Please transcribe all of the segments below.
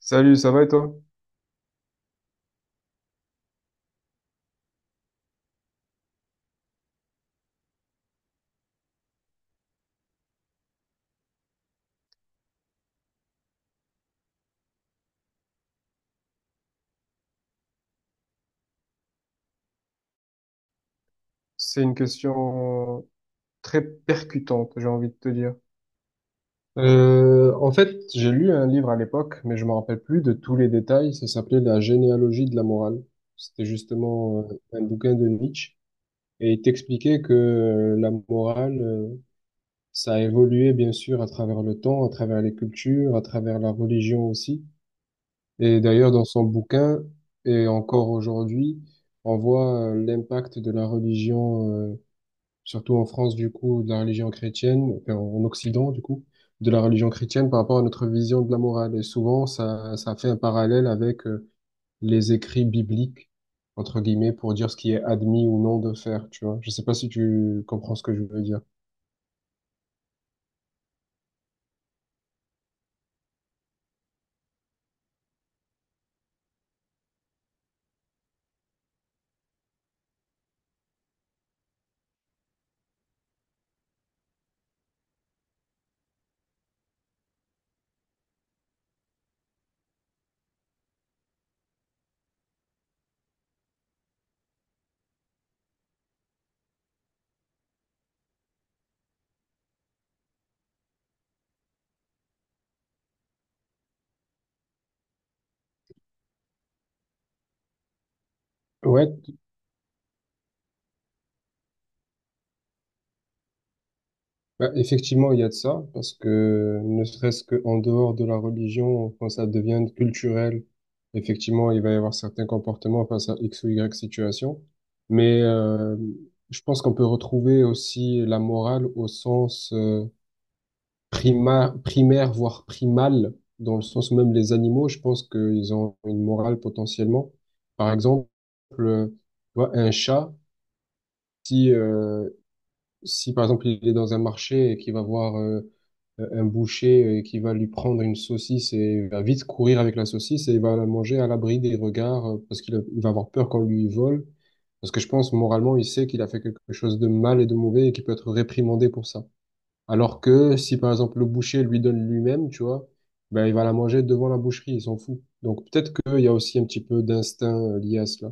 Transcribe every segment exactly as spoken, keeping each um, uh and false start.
Salut, ça va et toi? C'est une question très percutante, j'ai envie de te dire. Euh, en fait, j'ai lu un livre à l'époque, mais je me rappelle plus de tous les détails. Ça s'appelait La généalogie de la morale. C'était justement euh, un bouquin de Nietzsche. Et il t'expliquait que euh, la morale, euh, ça a évolué bien sûr à travers le temps, à travers les cultures, à travers la religion aussi. Et d'ailleurs, dans son bouquin, et encore aujourd'hui, on voit euh, l'impact de la religion. euh, surtout en France, du coup, de la religion chrétienne, enfin, en Occident, du coup, de la religion chrétienne par rapport à notre vision de la morale. Et souvent, ça, ça fait un parallèle avec euh, les écrits bibliques, entre guillemets, pour dire ce qui est admis ou non de faire, tu vois. Je sais pas si tu comprends ce que je veux dire. Ouais. Bah, effectivement, il y a de ça, parce que ne serait-ce qu'en dehors de la religion, quand ça devient culturel, effectivement, il va y avoir certains comportements face à X ou Y situation. Mais euh, je pense qu'on peut retrouver aussi la morale au sens euh, prima- primaire, voire primal, dans le sens même les animaux, je pense qu'ils ont une morale potentiellement. Par exemple, euh, tu vois, un chat, si, euh, si par exemple il est dans un marché et qu'il va voir... euh, euh, un boucher euh, qui va lui prendre une saucisse et va vite courir avec la saucisse et il va la manger à l'abri des regards euh, parce qu'il a- il va avoir peur qu'on lui vole. Parce que je pense, moralement, il sait qu'il a fait quelque chose de mal et de mauvais et qu'il peut être réprimandé pour ça. Alors que si, par exemple, le boucher lui donne lui-même, tu vois, ben, il va la manger devant la boucherie, il s'en fout. Donc peut-être qu'il y a aussi un petit peu d'instinct euh, lié à cela.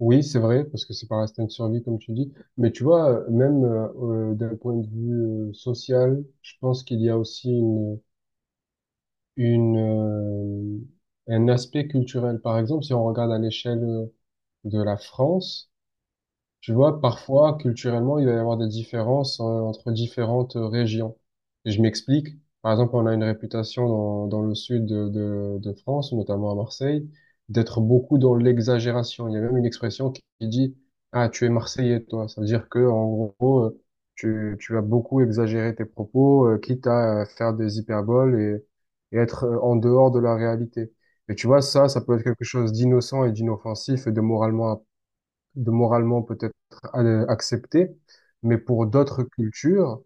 Oui, c'est vrai, parce que c'est par instinct de survie, comme tu dis. Mais tu vois, euh, même euh, euh, d'un point de vue euh, social, je pense qu'il y a aussi une, une, euh, un aspect culturel. Par exemple, si on regarde à l'échelle euh, de la France, tu vois, parfois, culturellement, il va y avoir des différences euh, entre différentes euh, régions. Et je m'explique. Par exemple, on a une réputation dans, dans le sud de, de, de France, notamment à Marseille, d'être beaucoup dans l'exagération. Il y a même une expression qui, qui dit, ah, tu es Marseillais, toi. Ça veut dire que, en gros, euh, tu, tu vas beaucoup exagérer tes propos, euh, quitte à euh, faire des hyperboles et, et être euh, en dehors de la réalité. Et tu vois, ça, ça peut être quelque chose d'innocent et d'inoffensif et de moralement de moralement peut-être euh, accepté, mais pour d'autres cultures,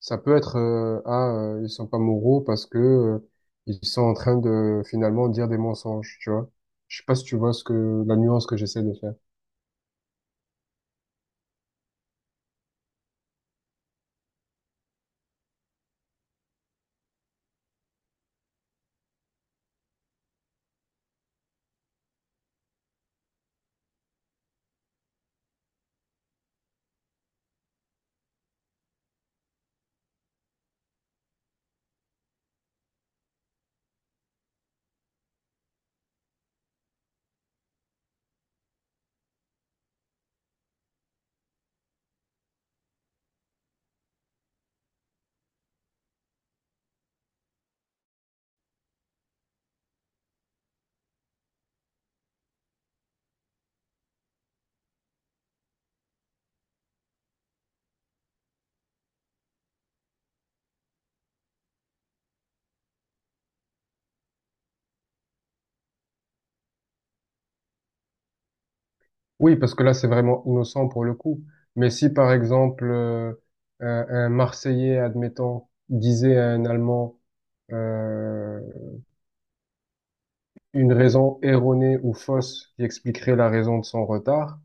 ça peut être euh, ah, euh, ils sont pas moraux parce que euh, ils sont en train de finalement dire des mensonges, tu vois. Je sais pas si tu vois ce que la nuance que j'essaie de faire. Oui, parce que là c'est vraiment innocent pour le coup. Mais si par exemple euh, un, un Marseillais, admettons, disait à un Allemand euh, une raison erronée ou fausse qui expliquerait la raison de son retard.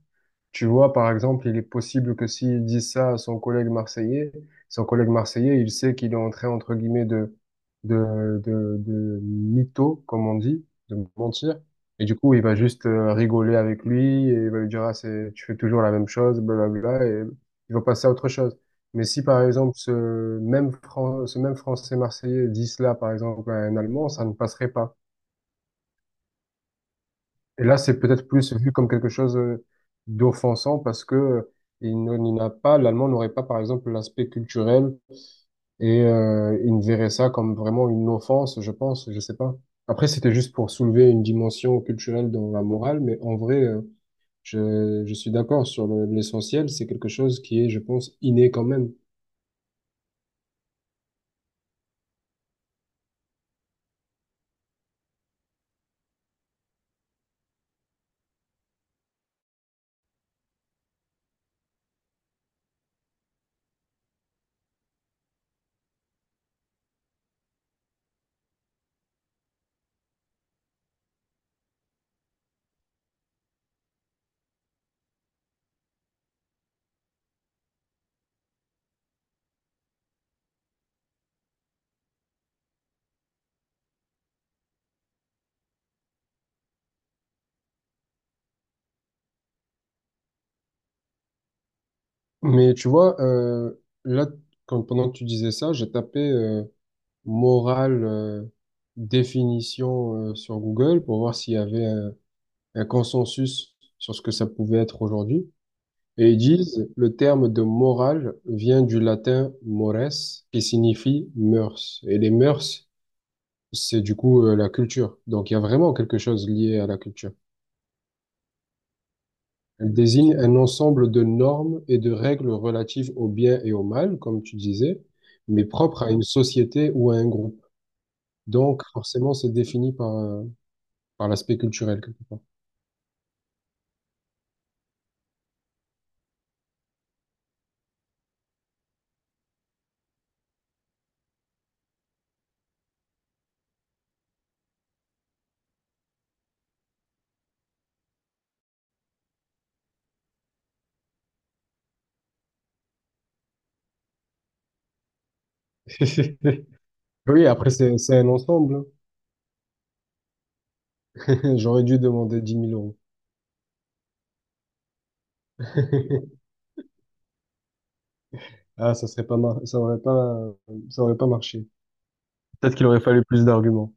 Tu vois, par exemple, il est possible que s'il dit ça à son collègue marseillais, son collègue marseillais, il sait qu'il est en train, entre guillemets, de, de, de, de mytho, comme on dit, de mentir. Et du coup, il va juste euh, rigoler avec lui et il va lui dire, ah, c'est, tu fais toujours la même chose, blablabla, et il va passer à autre chose. Mais si, par exemple, ce même Fran- ce même Français marseillais dit cela, par exemple, à un Allemand, ça ne passerait pas. Et là, c'est peut-être plus vu comme quelque chose euh, d'offensant parce que euh, il n- il n'a pas, l'allemand n'aurait pas, par exemple, l'aspect culturel et euh, il ne verrait ça comme vraiment une offense, je pense, je sais pas. Après, c'était juste pour soulever une dimension culturelle dans la morale, mais en vrai, euh, je, je suis d'accord sur le- l'essentiel, c'est quelque chose qui est, je pense, inné quand même. Mais tu vois, euh, là, quand, pendant que tu disais ça, j'ai tapé euh, morale, euh, définition, euh, sur Google pour voir s'il y avait un, un consensus sur ce que ça pouvait être aujourd'hui. Et ils disent, le terme de morale vient du latin mores, qui signifie mœurs. Et les mœurs, c'est du coup euh, la culture. Donc il y a vraiment quelque chose lié à la culture. Elle désigne un ensemble de normes et de règles relatives au bien et au mal, comme tu disais, mais propres à une société ou à un groupe. Donc forcément, c'est défini par, euh, par l'aspect culturel, quelque part. Oui, après, c'est, c'est un ensemble. J'aurais dû demander dix mille euros. Ah, ça serait pas mar- ça aurait pas, ça aurait pas marché. Peut-être qu'il aurait fallu plus d'arguments.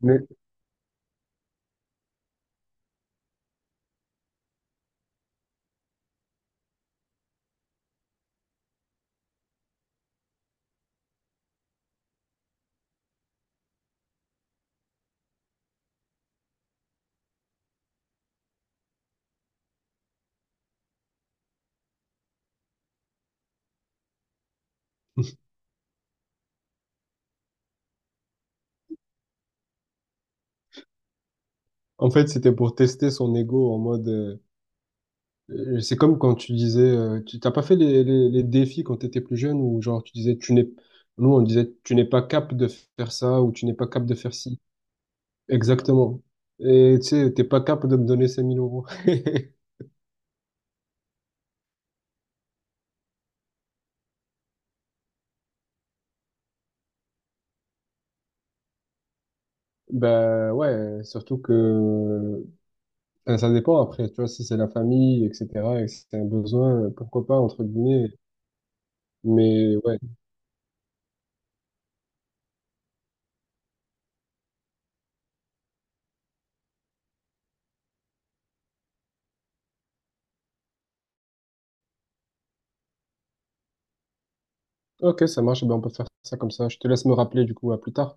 Mais en fait, c'était pour tester son ego en mode, euh, euh, c'est comme quand tu disais, euh, tu t'as pas fait les, les, les défis quand t'étais plus jeune ou genre tu disais, tu n'es, nous on disait, tu n'es pas capable de faire ça ou tu n'es pas capable de faire ci. Exactement. Et tu sais, t'es pas capable de me donner cinq mille euros. Ben ouais, surtout que ben, ça dépend après, tu vois, si c'est la famille, et cetera, et que c'est un besoin, pourquoi pas, entre guillemets. Mais ouais, ok, ça marche, ben on peut faire ça comme ça. Je te laisse me rappeler du coup, à plus tard.